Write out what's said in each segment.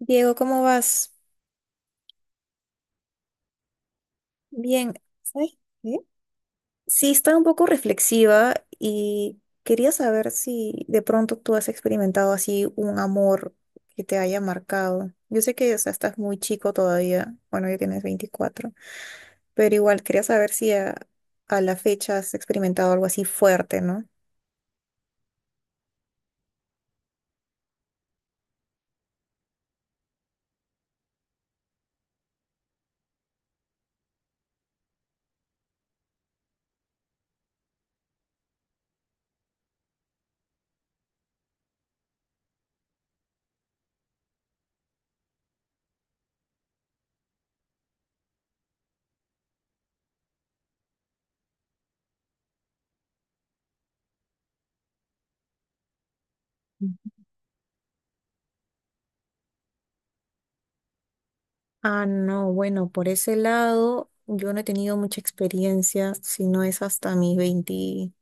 Diego, ¿cómo vas? Bien, ¿sabes qué? Sí, estaba un poco reflexiva y quería saber si de pronto tú has experimentado así un amor que te haya marcado. Yo sé que, o sea, estás muy chico todavía, bueno, ya tienes 24, pero igual quería saber si a la fecha has experimentado algo así fuerte, ¿no? Ah, no, bueno, por ese lado yo no he tenido mucha experiencia, si no es hasta mis 20,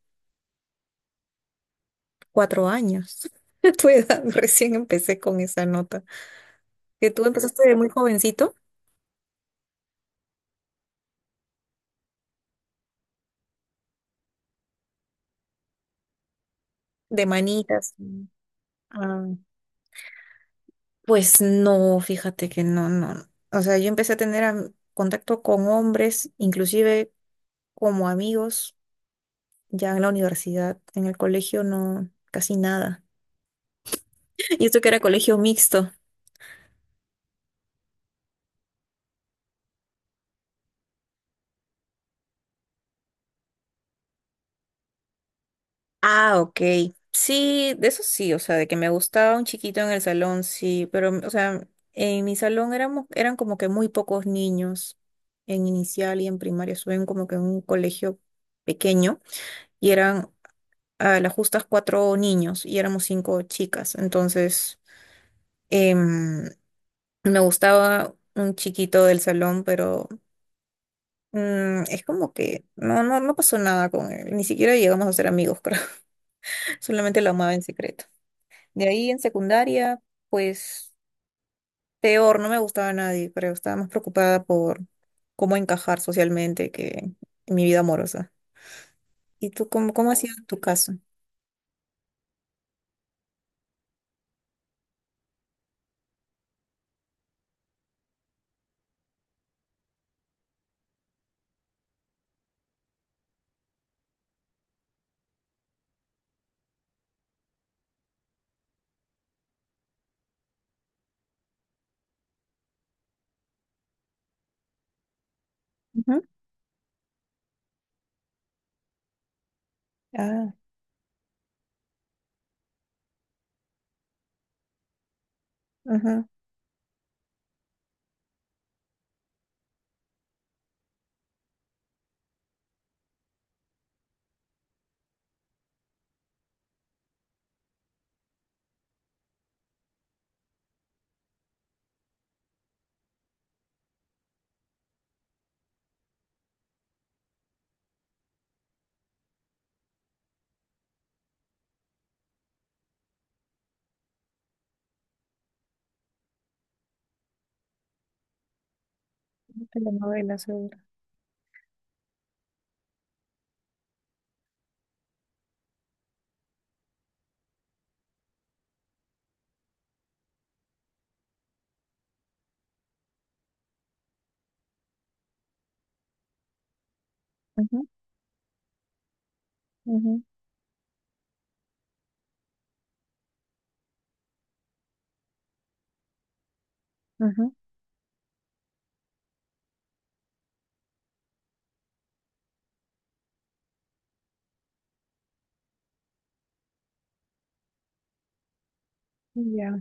cuatro años. A tu edad, recién empecé con esa nota. Que tú empezaste de muy jovencito, de manitas. Mm. Ah, pues no, fíjate que no, no. O sea, yo empecé a tener contacto con hombres, inclusive como amigos, ya en la universidad, en el colegio no, casi nada. Y esto que era colegio mixto. Ah, ok. Sí, de eso sí, o sea, de que me gustaba un chiquito en el salón, sí, pero, o sea, en mi salón eran como que muy pocos niños en inicial y en primaria, suben como que en un colegio pequeño y eran a las justas cuatro niños y éramos cinco chicas, entonces em, me gustaba un chiquito del salón, pero es como que no, no, no pasó nada con él, ni siquiera llegamos a ser amigos, creo, solamente lo amaba en secreto. De ahí en secundaria, pues peor, no me gustaba a nadie, creo. Estaba más preocupada por cómo encajar socialmente que en mi vida amorosa. ¿Y tú cómo ha sido tu caso? Ujú. Ah, ajá. Telenovela seguro. Ujú, ujú, ujú. Ya.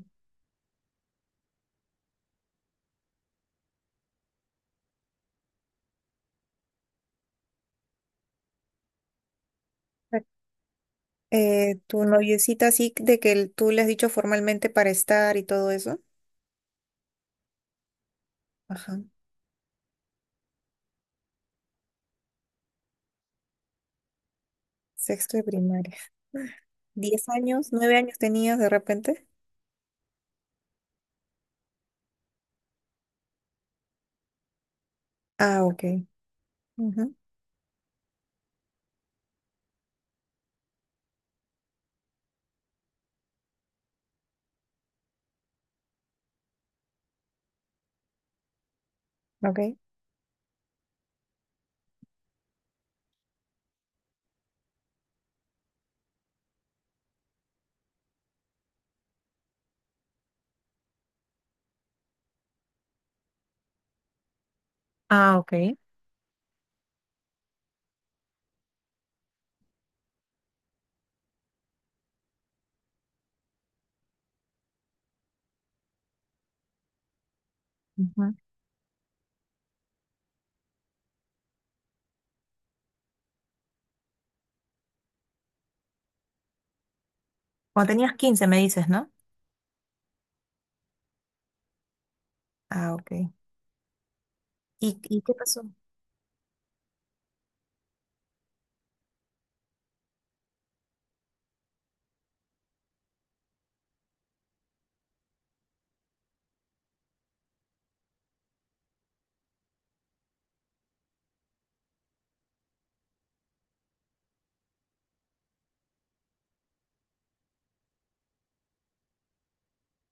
Tu noviecita así de que tú le has dicho formalmente para estar y todo eso. Ajá. Sexto de primaria. ¿10 años? ¿9 años tenías de repente? Ah, ok. Ujú. Ok. Ah, ok. Cuando tenías 15 me dices, ¿no? Ah, ok. ¿Y qué pasó?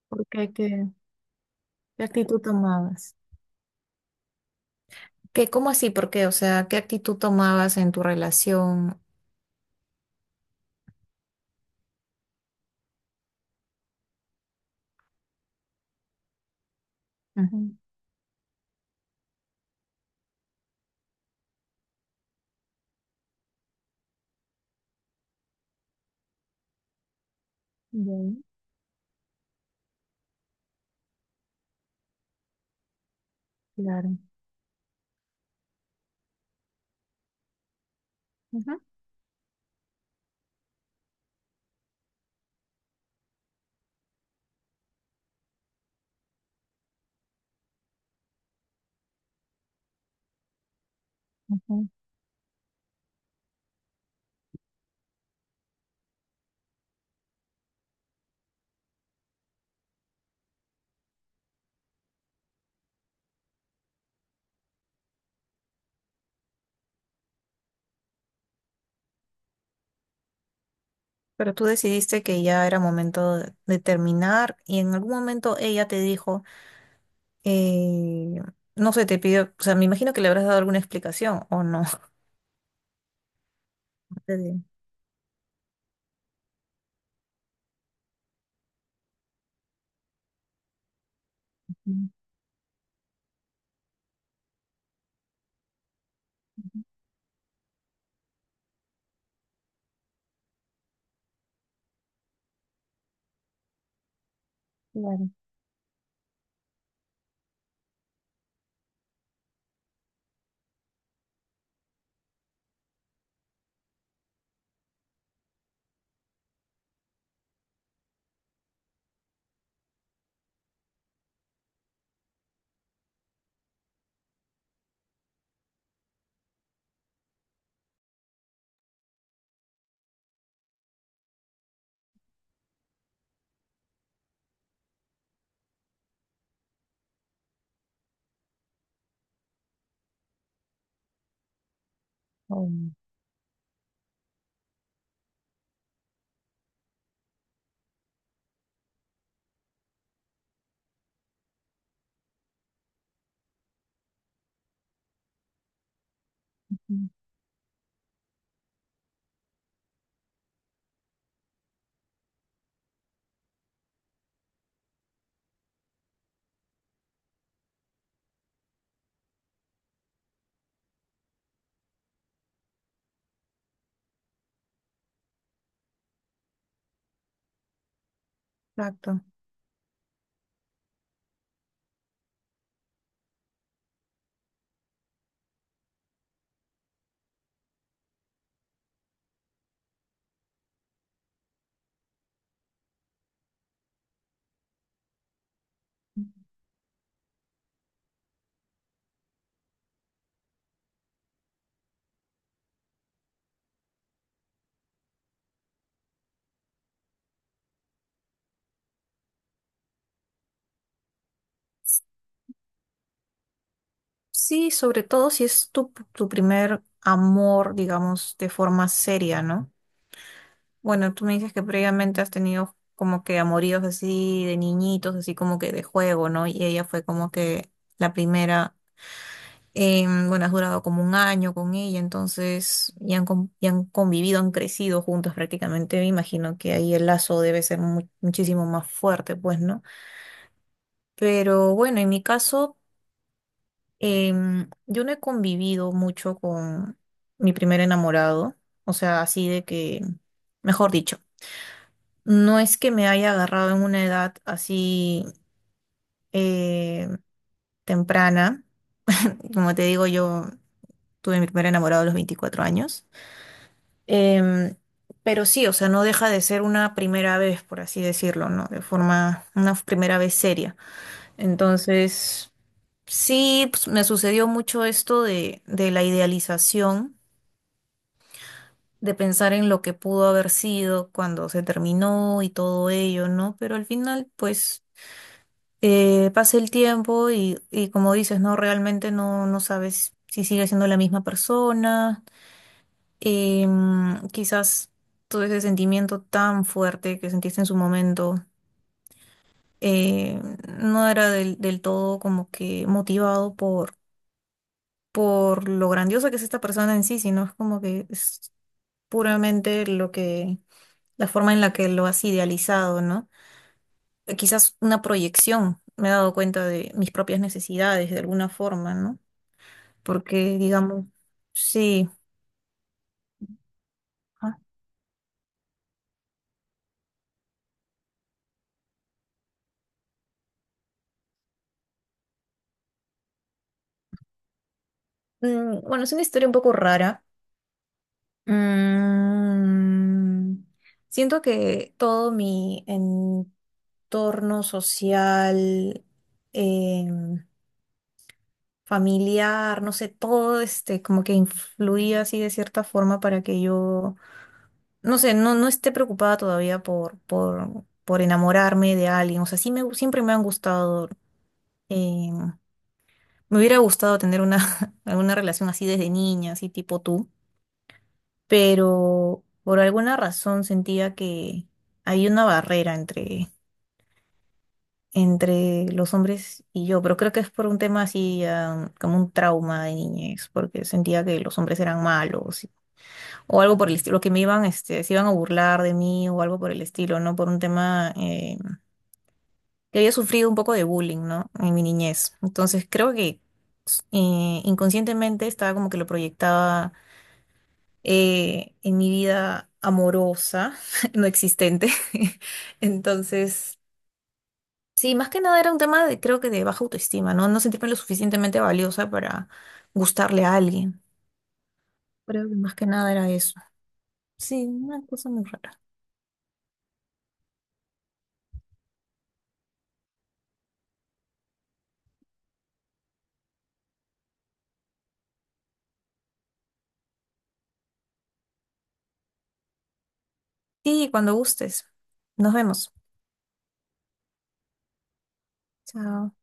¿Por qué? ¿Qué actitud tomabas? ¿Qué, cómo así? ¿Por qué? O sea, ¿qué actitud tomabas en tu relación? Ujú. Bien, claro. Ujú, ujú. Pero tú decidiste que ya era momento de terminar y en algún momento ella te dijo, eh, no sé, te pidió, o sea, me imagino que le habrás dado alguna explicación o no. Te di- Ujú, claro. Oh, ujú. Exacto. Sí, sobre todo si es tu primer amor, digamos, de forma seria, ¿no? Bueno, tú me dices que previamente has tenido como que amoríos así de niñitos, así como que de juego, ¿no? Y ella fue como que la primera, bueno, has durado como un año con ella, entonces ya y han convivido, han crecido juntos prácticamente. Me imagino que ahí el lazo debe ser muchísimo más fuerte, pues, ¿no? Pero bueno, en mi caso. Yo no he convivido mucho con mi primer enamorado, o sea, así de que, mejor dicho, no es que me haya agarrado en una edad así eh, temprana, como te digo, yo tuve mi primer enamorado a los 24 años. Em, pero sí, o sea, no deja de ser una primera vez, por así decirlo, ¿no? De forma, una primera vez seria. Entonces, sí, pues, me sucedió mucho esto de la idealización de pensar en lo que pudo haber sido cuando se terminó y todo ello, ¿no? Pero al final, pues, pasa el tiempo y como dices, ¿no? Realmente no, no sabes si sigue siendo la misma persona. Quizás todo ese sentimiento tan fuerte que sentiste en su momento eh, no era del todo como que motivado por lo grandiosa que es esta persona en sí, sino es como que es puramente lo que la forma en la que lo has idealizado, ¿no? Quizás una proyección, me he dado cuenta de mis propias necesidades de alguna forma, ¿no? Porque, digamos, sí. ah, Bueno, es una historia un poco rara. Mm, siento que todo mi entorno social, em, familiar, no sé, todo este como que influía así de cierta forma para que yo no sé, no esté preocupada todavía por enamorarme de alguien. O sea, sí siempre me han gustado. eh, me hubiera gustado tener alguna relación así desde niña, así tipo tú. Pero por alguna razón sentía que hay una barrera entre los hombres y yo. Pero creo que es por un tema así, como un trauma de niñez, porque sentía que los hombres eran malos, y o algo por el estilo, que se iban a burlar de mí o algo por el estilo, ¿no? Por un tema que había sufrido un poco de bullying, ¿no? En mi niñez. Entonces creo que inconscientemente estaba como que lo proyectaba en mi vida amorosa, no existente. Entonces, sí, más que nada era un tema de, creo que de baja autoestima, ¿no? No sentirme lo suficientemente valiosa para gustarle a alguien. Creo que más que nada era eso. Sí, una cosa muy rara. Sí, cuando gustes. Nos vemos. Chao.